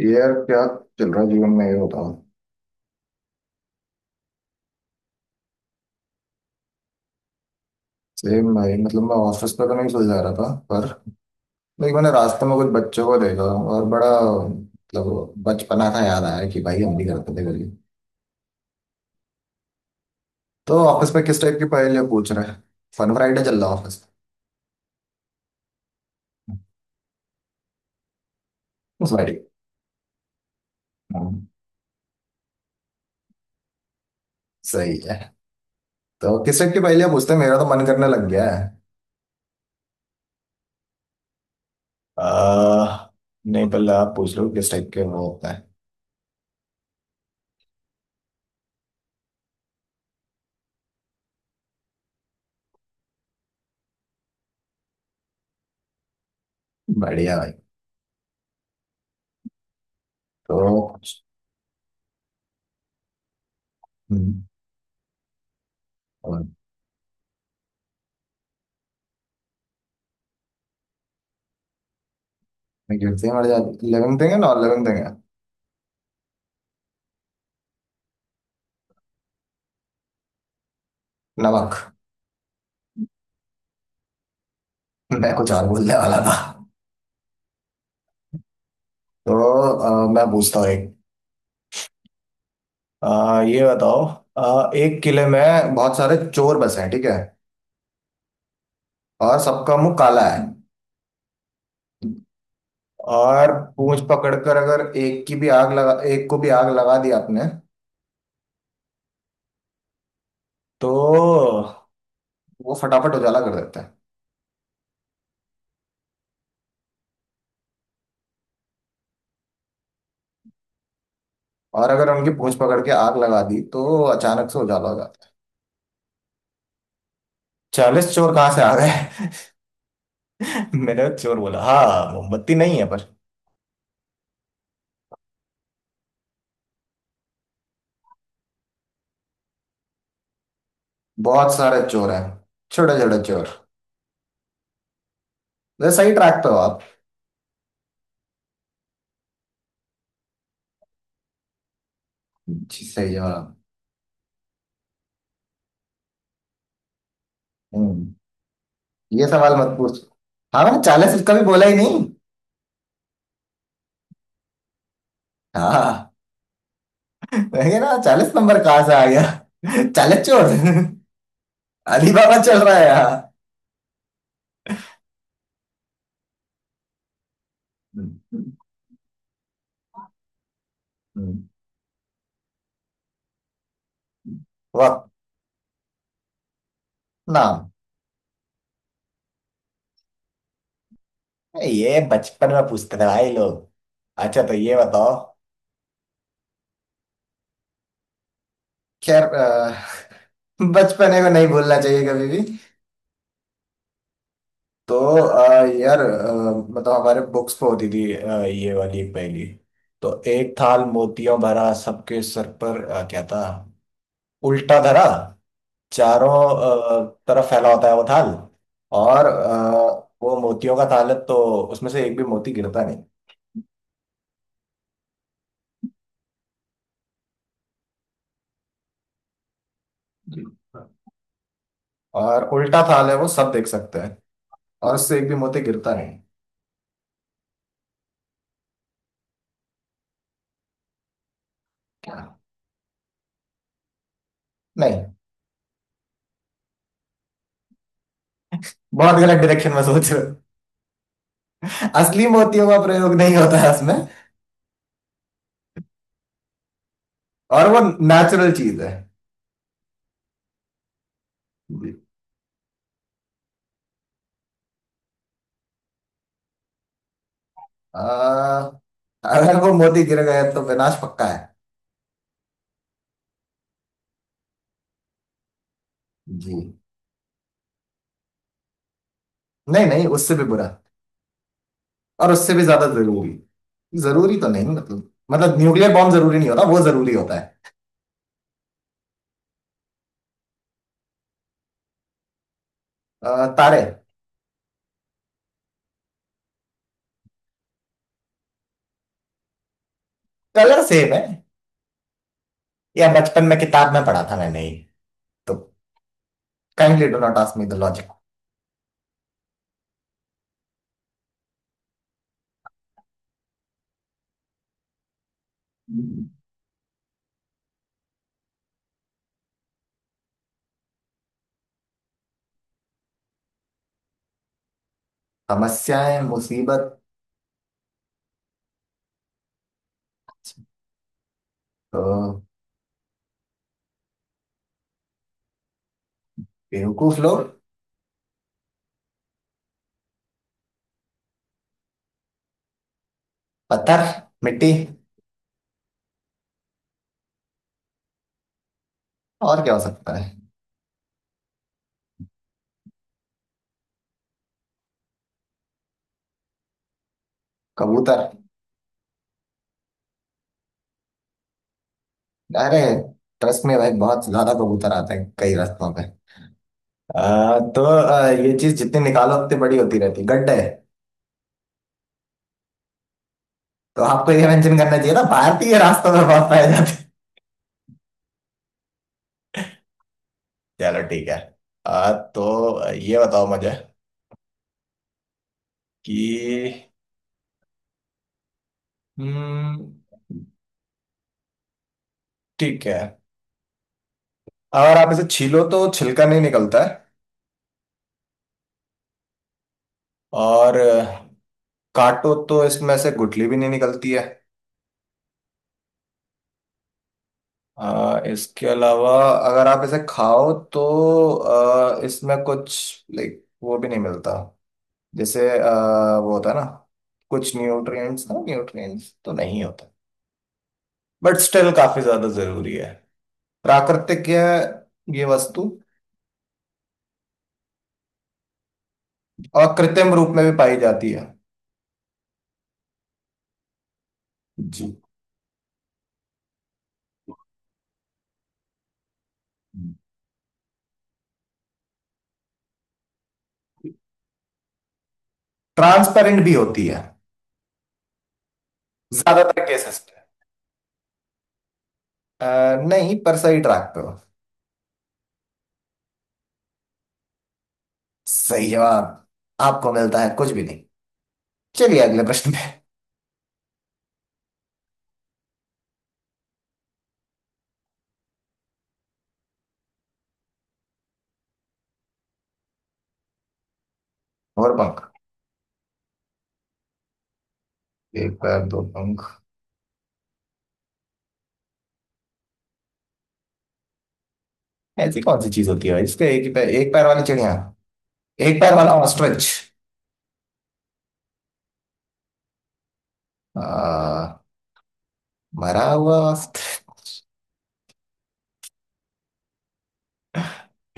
यार, क्या चल रहा है जीवन में, ये बताओ। सेम भाई, मतलब मैं ऑफिस पे तो नहीं सो जा रहा था, पर लाइक मैंने रास्ते में कुछ बच्चों को देखा और बड़ा, मतलब बचपना का याद आया कि भाई हम भी करते थे गली। तो ऑफिस पे किस टाइप की पहेलियां पूछ रहे हैं? फन फ्राइडे चल रहा है ऑफिस। उस भाई। हम्म। सही है। तो किस टाइप की पहेलियां पूछते हैं? मेरा तो मन करने लग गया है। आ, नहीं, पहले आप पूछ लो किस टाइप के वो होता है। बढ़िया भाई। तो। हम्म। और। मैं गिरते हैं मर जाते, लिविंग थिंग है, नॉन लिविंग थिंग है? नमक। मैं कुछ और बोलने वाला था। तो मैं पूछता हूँ एक। ये बताओ। एक किले में बहुत सारे चोर बसे हैं, ठीक है। और सबका मुंह काला है। और पूंछ पकड़कर अगर एक को भी आग लगा दी आपने। तो वो फटाफट उजाला कर देते हैं। और अगर उनकी पूंछ पकड़ के आग लगा दी तो अचानक से उजाला हो जाता है। 40 चोर कहाँ से आ गए? मैंने चोर बोला, हाँ मोमबत्ती नहीं है पर। बहुत सारे चोर हैं। छोटे छोटे चोर। वैसे सही ट्रैक पे हो आप। जी, सही जवाब। हम्म। ये सवाल मत पूछ। हाँ, मैंने 40 उसका भी बोला ही नहीं। हाँ, मैं कह रहा 40 नंबर कहाँ से आ गया? 40 चोर। अली बाबा चल रहा है यहाँ। हम्म। हम्म। वक्त। नाम। ये बचपन में पूछते थे भाई लोग। अच्छा, तो ये बताओ। खैर, बचपने को नहीं भूलना चाहिए कभी भी। तो यार, मतलब हमारे बुक्स पे होती थी ये वाली पहली। तो एक थाल मोतियों भरा सबके सर पर, क्या था? उल्टा धरा। चारों तरफ फैला होता है वो थाल। और वो मोतियों का थाल है तो। उसमें से एक भी मोती गिरता नहीं। और उल्टा थाल है, वो सब देख सकते हैं। और उससे एक भी मोती गिरता नहीं। क्या? नहीं। बहुत गलत डायरेक्शन में सोच रहे हो। असली मोतियों का प्रयोग नहीं होता है उसमें। और वो नेचुरल चीज है। जी। आ, अगर वो मोती गिर गए तो विनाश पक्का है। जी। नहीं, नहीं, उससे भी बुरा। और उससे भी ज्यादा जरूरी। जरूरी तो नहीं, मतलब न्यूक्लियर बॉम्ब जरूरी नहीं होता, वो जरूरी होता है। तारे। कलर सेम है। या बचपन में किताब में पढ़ा था मैंने ये। तो kindly do not ask me the logic. समस्याएं, मुसीबत। तो बेवकूफ लोग। पत्थर, मिट्टी। और क्या हो सकता है? कबूतर। अरे, ट्रस्ट में भाई बहुत ज्यादा कबूतर आते हैं कई रास्तों पे। तो ये चीज जितनी निकालो उतनी बड़ी होती रहती, गड्ढे। तो आपको ये मेंशन करना चाहिए था, भारतीय रास्तों में बहुत पाए जाते हैं। चलो, ठीक है। तो ये बताओ मुझे। कि। हम्म। ठीक है। अगर आप इसे छीलो तो छिलका नहीं निकलता है। और काटो तो इसमें से गुठली भी नहीं निकलती है। इसके अलावा। अगर आप इसे खाओ तो। इसमें कुछ लाइक वो भी नहीं मिलता। जैसे वो होता है ना। कुछ न्यूट्रिएंट्स, ना न्यूट्रिएंट्स तो नहीं होता। बट स्टिल काफी ज्यादा जरूरी है। प्राकृतिक है ये वस्तु। और कृत्रिम रूप में भी पाई जाती है। जी। ट्रांसपेरेंट भी होती है। ज्यादातर केसेस पे। नहीं, पर सही ट्रैक पे हो। सही जवाब। आपको मिलता है कुछ भी नहीं। चलिए अगले प्रश्न पे। और पंख। एक पैर, दो पंख। ऐसी कौन सी चीज होती है इसके, एक ही पैर, एक पैर वाली चिड़िया? एक पैर वाला ऑस्ट्रिच। मरा हुआ ऑस्ट्रिच।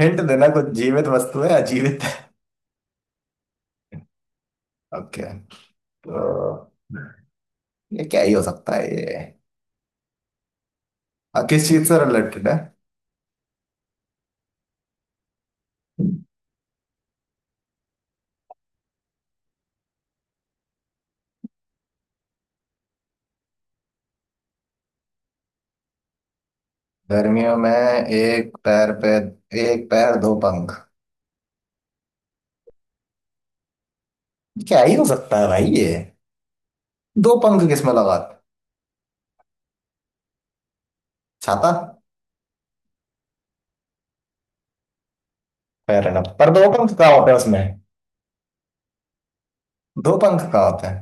हिंट देना, कुछ जीवित वस्तु है, अजीवित है? ओके। तो। ये क्या ही हो सकता है ये? किस चीज से रिलेटेड है? गर्मियों में एक पैर पे। एक पैर, दो पंख। क्या ही हो सकता है भाई ये? दो पंख किसमें लगाते? छाता। पैर है ना, पर दो पंख कहाँ होते हैं उसमें? दो पंख कहाँ होते हैं?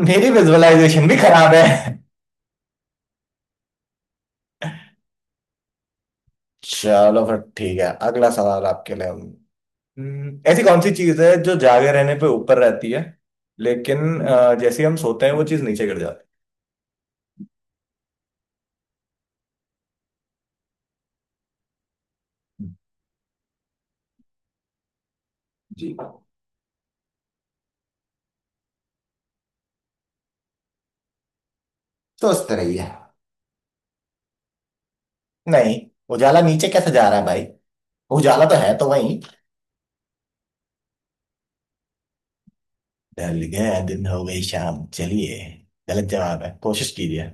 मेरी विजुअलाइजेशन भी खराब है। चलो फिर ठीक है, अगला सवाल आपके लिए। ऐसी कौन सी चीज है जो जागे रहने पे ऊपर रहती है, लेकिन जैसे ही हम सोते हैं वो चीज नीचे गिर जाती है। जी। तो उस तरह ही है। नहीं। उजाला नीचे कैसे जा रहा है भाई? उजाला तो है तो वही। ढल गया दिन, हो गई शाम, चलिए। गलत जवाब है, कोशिश कीजिए।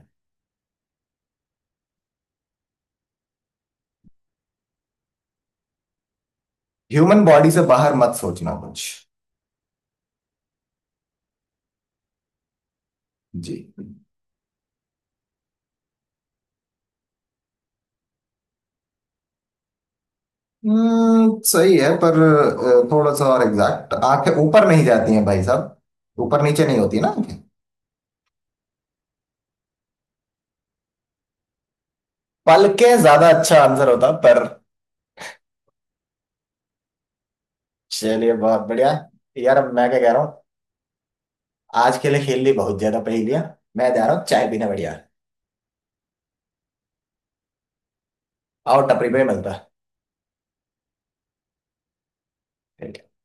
ह्यूमन बॉडी से बाहर मत सोचना कुछ। जी। सही है, पर थोड़ा सा और एग्जैक्ट। आंखें ऊपर नहीं जाती हैं भाई साहब, ऊपर नीचे नहीं होती ना आंखें। पलके ज्यादा अच्छा आंसर होता, पर। चलिए, बहुत बढ़िया। यार, अब मैं क्या कह रहा हूँ। आज के लिए खेल ली बहुत ज्यादा पहेलियां। मैं जा रहा हूँ चाय पीने, बढ़िया। आओ टपरी पे, मिलता है।